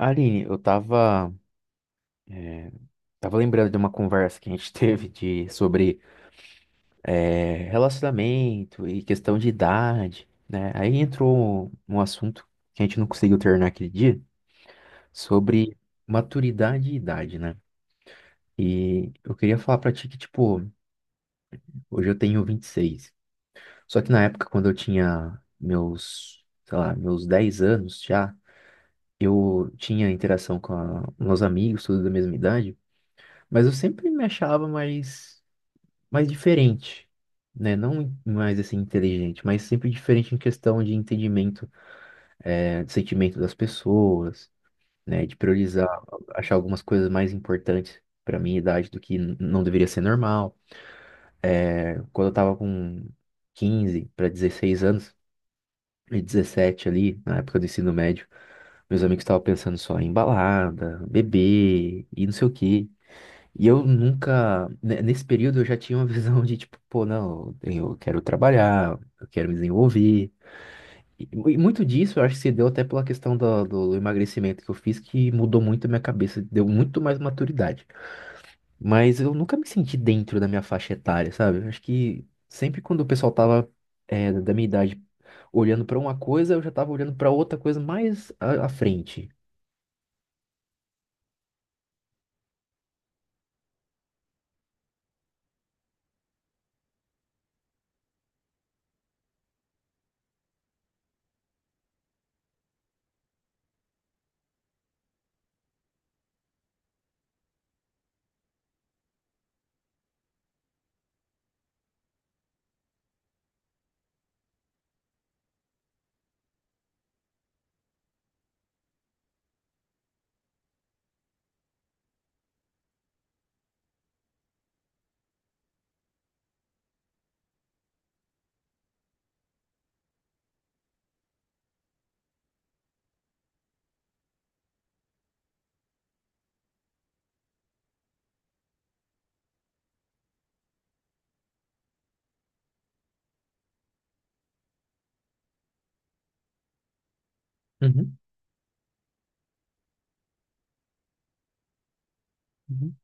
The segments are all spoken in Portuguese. Aline, eu tava, tava lembrando de uma conversa que a gente teve de, sobre relacionamento e questão de idade, né? Aí entrou um assunto que a gente não conseguiu terminar aquele dia, sobre maturidade e idade, né? E eu queria falar pra ti que, tipo, hoje eu tenho 26. Só que na época, quando eu tinha meus, sei lá, meus 10 anos já, eu tinha interação com meus amigos, todos da mesma idade, mas eu sempre me achava mais mais diferente, né? Não mais assim inteligente, mas sempre diferente em questão de entendimento, né, de sentimento das pessoas, né? De priorizar, achar algumas coisas mais importantes para minha idade do que não deveria ser normal. É. Quando eu tava com 15 para 16 anos, e 17 ali, na época do ensino médio, meus amigos estavam pensando só em balada, beber e não sei o quê. E eu nunca, nesse período eu já tinha uma visão de tipo, pô, não, eu quero trabalhar, eu quero me desenvolver. E, e muito disso eu acho que se deu até pela questão do emagrecimento que eu fiz, que mudou muito a minha cabeça, deu muito mais maturidade. Mas eu nunca me senti dentro da minha faixa etária, sabe? Eu acho que sempre quando o pessoal tava, é, da minha idade olhando pra uma coisa, eu já tava olhando pra outra coisa mais à frente. Uhum, uhum.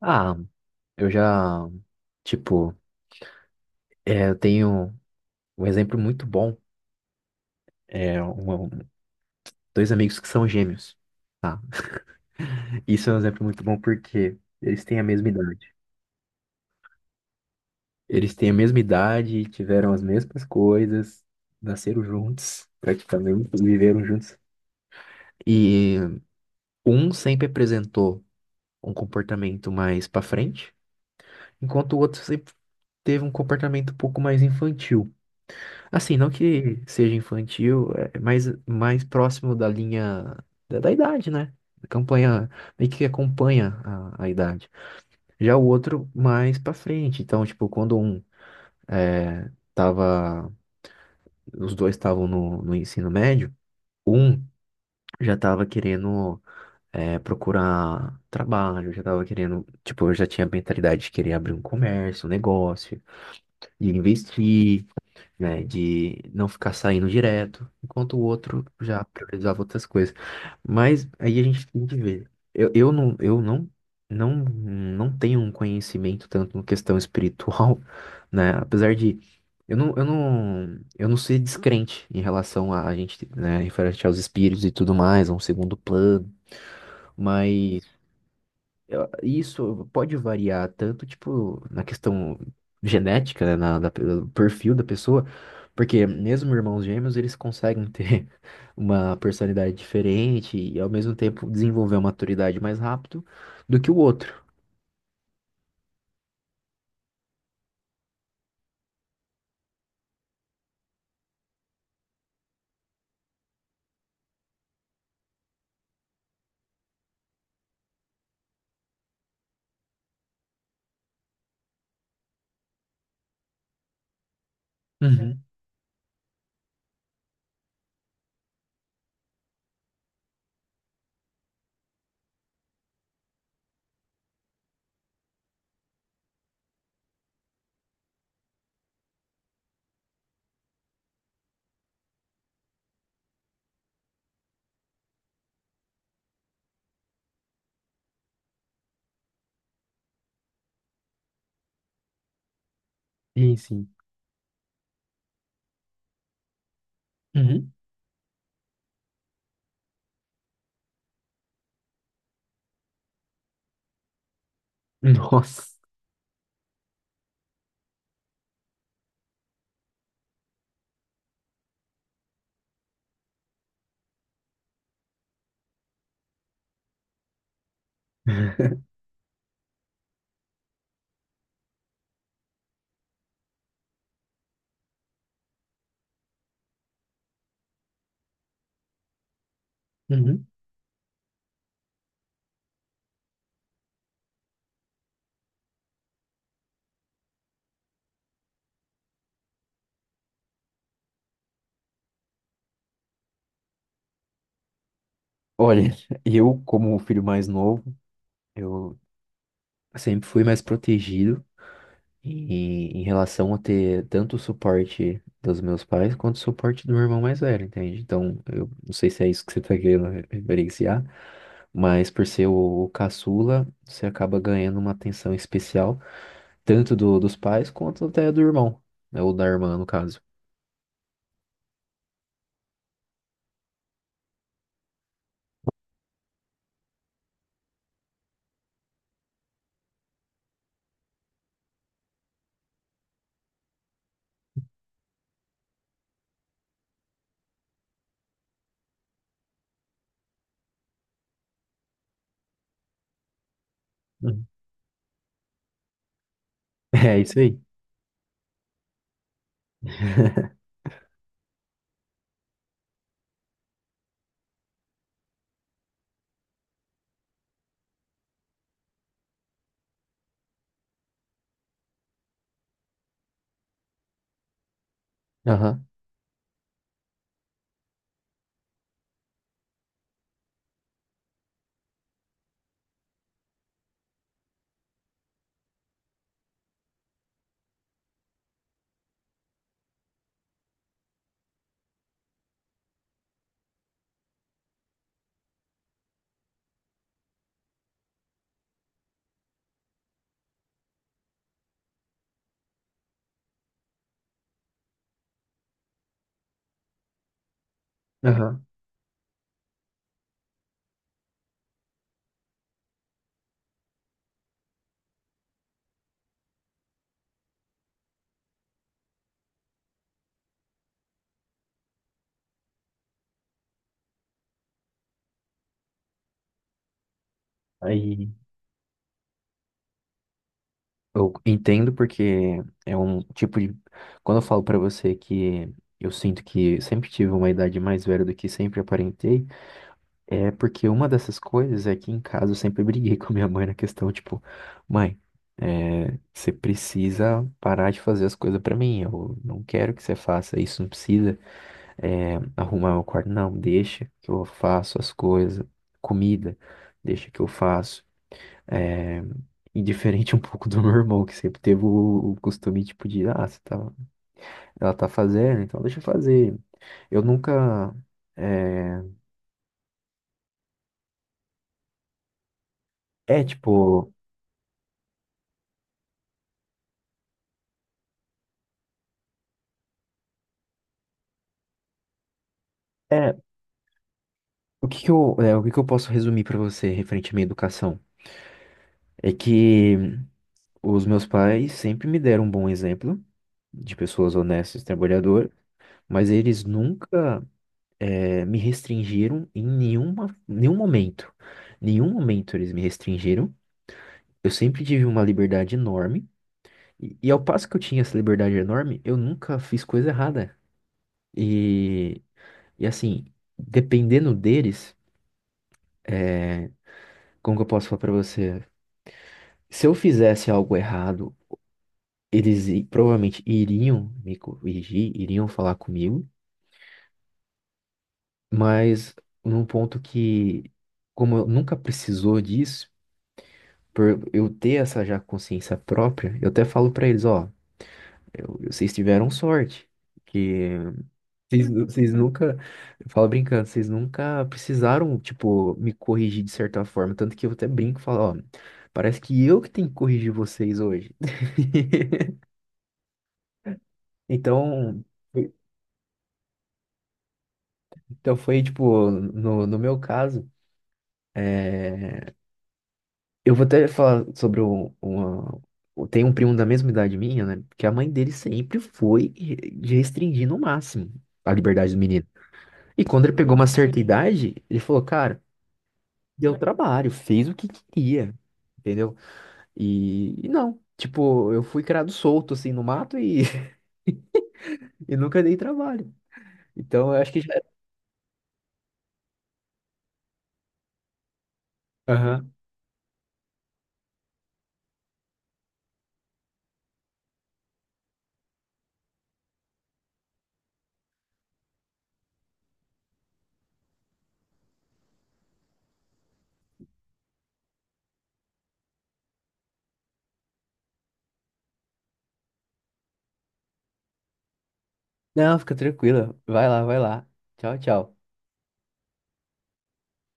Ah, eu já, tipo, é, eu tenho. Um exemplo muito bom é dois amigos que são gêmeos, tá? Isso é um exemplo muito bom porque eles têm a mesma idade. Eles têm a mesma idade, tiveram as mesmas coisas, nasceram juntos, praticamente, viveram juntos. E um sempre apresentou um comportamento mais pra frente, enquanto o outro sempre teve um comportamento um pouco mais infantil. Assim, não que seja infantil, é mais, mais próximo da linha da idade, né? Campanha, meio que acompanha a idade. Já o outro mais pra frente. Então, tipo, quando um é, tava. Os dois estavam no ensino médio, um já tava querendo é, procurar trabalho, já tava querendo. Tipo, eu já tinha a mentalidade de querer abrir um comércio, um negócio, de investir, né? De não ficar saindo direto, enquanto o outro já priorizava outras coisas. Mas aí a gente tem que ver. Eu não, não, não tenho um conhecimento tanto em questão espiritual, né? Apesar de eu não ser descrente em relação a gente, né, referente aos espíritos e tudo mais, a um segundo plano, mas isso pode variar tanto, tipo, na questão genética, né, do perfil da pessoa, porque mesmo irmãos gêmeos, eles conseguem ter uma personalidade diferente e, ao mesmo tempo, desenvolver uma maturidade mais rápido do que o outro. Uhum. Sim, sim. Uhum. Nossa. Uhum. Olha, eu, como o filho mais novo, eu sempre fui mais protegido. E em relação a ter tanto o suporte dos meus pais quanto o suporte do meu irmão mais velho, entende? Então, eu não sei se é isso que você tá querendo referenciar, mas por ser o caçula, você acaba ganhando uma atenção especial, tanto dos pais quanto até do irmão, né? Ou da irmã, no caso. Uhum. É isso aí. Aham, aham. Aí eu entendo porque é um tipo de. Quando eu falo pra você que eu sinto que sempre tive uma idade mais velha do que sempre aparentei. É porque uma dessas coisas é que em casa eu sempre briguei com a minha mãe na questão, tipo, mãe, é, você precisa parar de fazer as coisas pra mim, eu não quero que você faça isso, não precisa é, arrumar meu quarto, não, deixa que eu faço as coisas, comida, deixa que eu faço. É, e diferente um pouco do meu irmão, que sempre teve o costume, tipo, de, ah, você tá, ela tá fazendo, então deixa eu fazer. Eu nunca, é, é tipo... É, o que que eu posso resumir para você referente à minha educação? É que os meus pais sempre me deram um bom exemplo de pessoas honestas e trabalhadoras, mas eles nunca é, me restringiram em nenhuma, nenhum momento. Nenhum momento eles me restringiram. Eu sempre tive uma liberdade enorme. E ao passo que eu tinha essa liberdade enorme, eu nunca fiz coisa errada. E, e assim, dependendo deles, é, como que eu posso falar para você? Se eu fizesse algo errado, provavelmente iriam me corrigir, iriam falar comigo, mas num ponto que, como eu nunca precisou disso, por eu ter essa já consciência própria, eu até falo pra eles, ó, vocês tiveram sorte, que vocês nunca, eu falo brincando, vocês nunca precisaram, tipo, me corrigir de certa forma, tanto que eu até brinco e falo, ó, parece que eu que tenho que corrigir vocês hoje. Então, então foi tipo, no meu caso, é, eu vou até falar sobre um, uma. Tem um primo da mesma idade minha, né? Que a mãe dele sempre foi de restringir no máximo a liberdade do menino. E quando ele pegou uma certa idade, ele falou, cara, deu trabalho, fez o que queria, entendeu? E não, tipo, eu fui criado solto assim no mato e, e nunca dei trabalho. Então eu acho que já. Aham. Não, fica tranquila. Vai lá, vai lá. Tchau, tchau.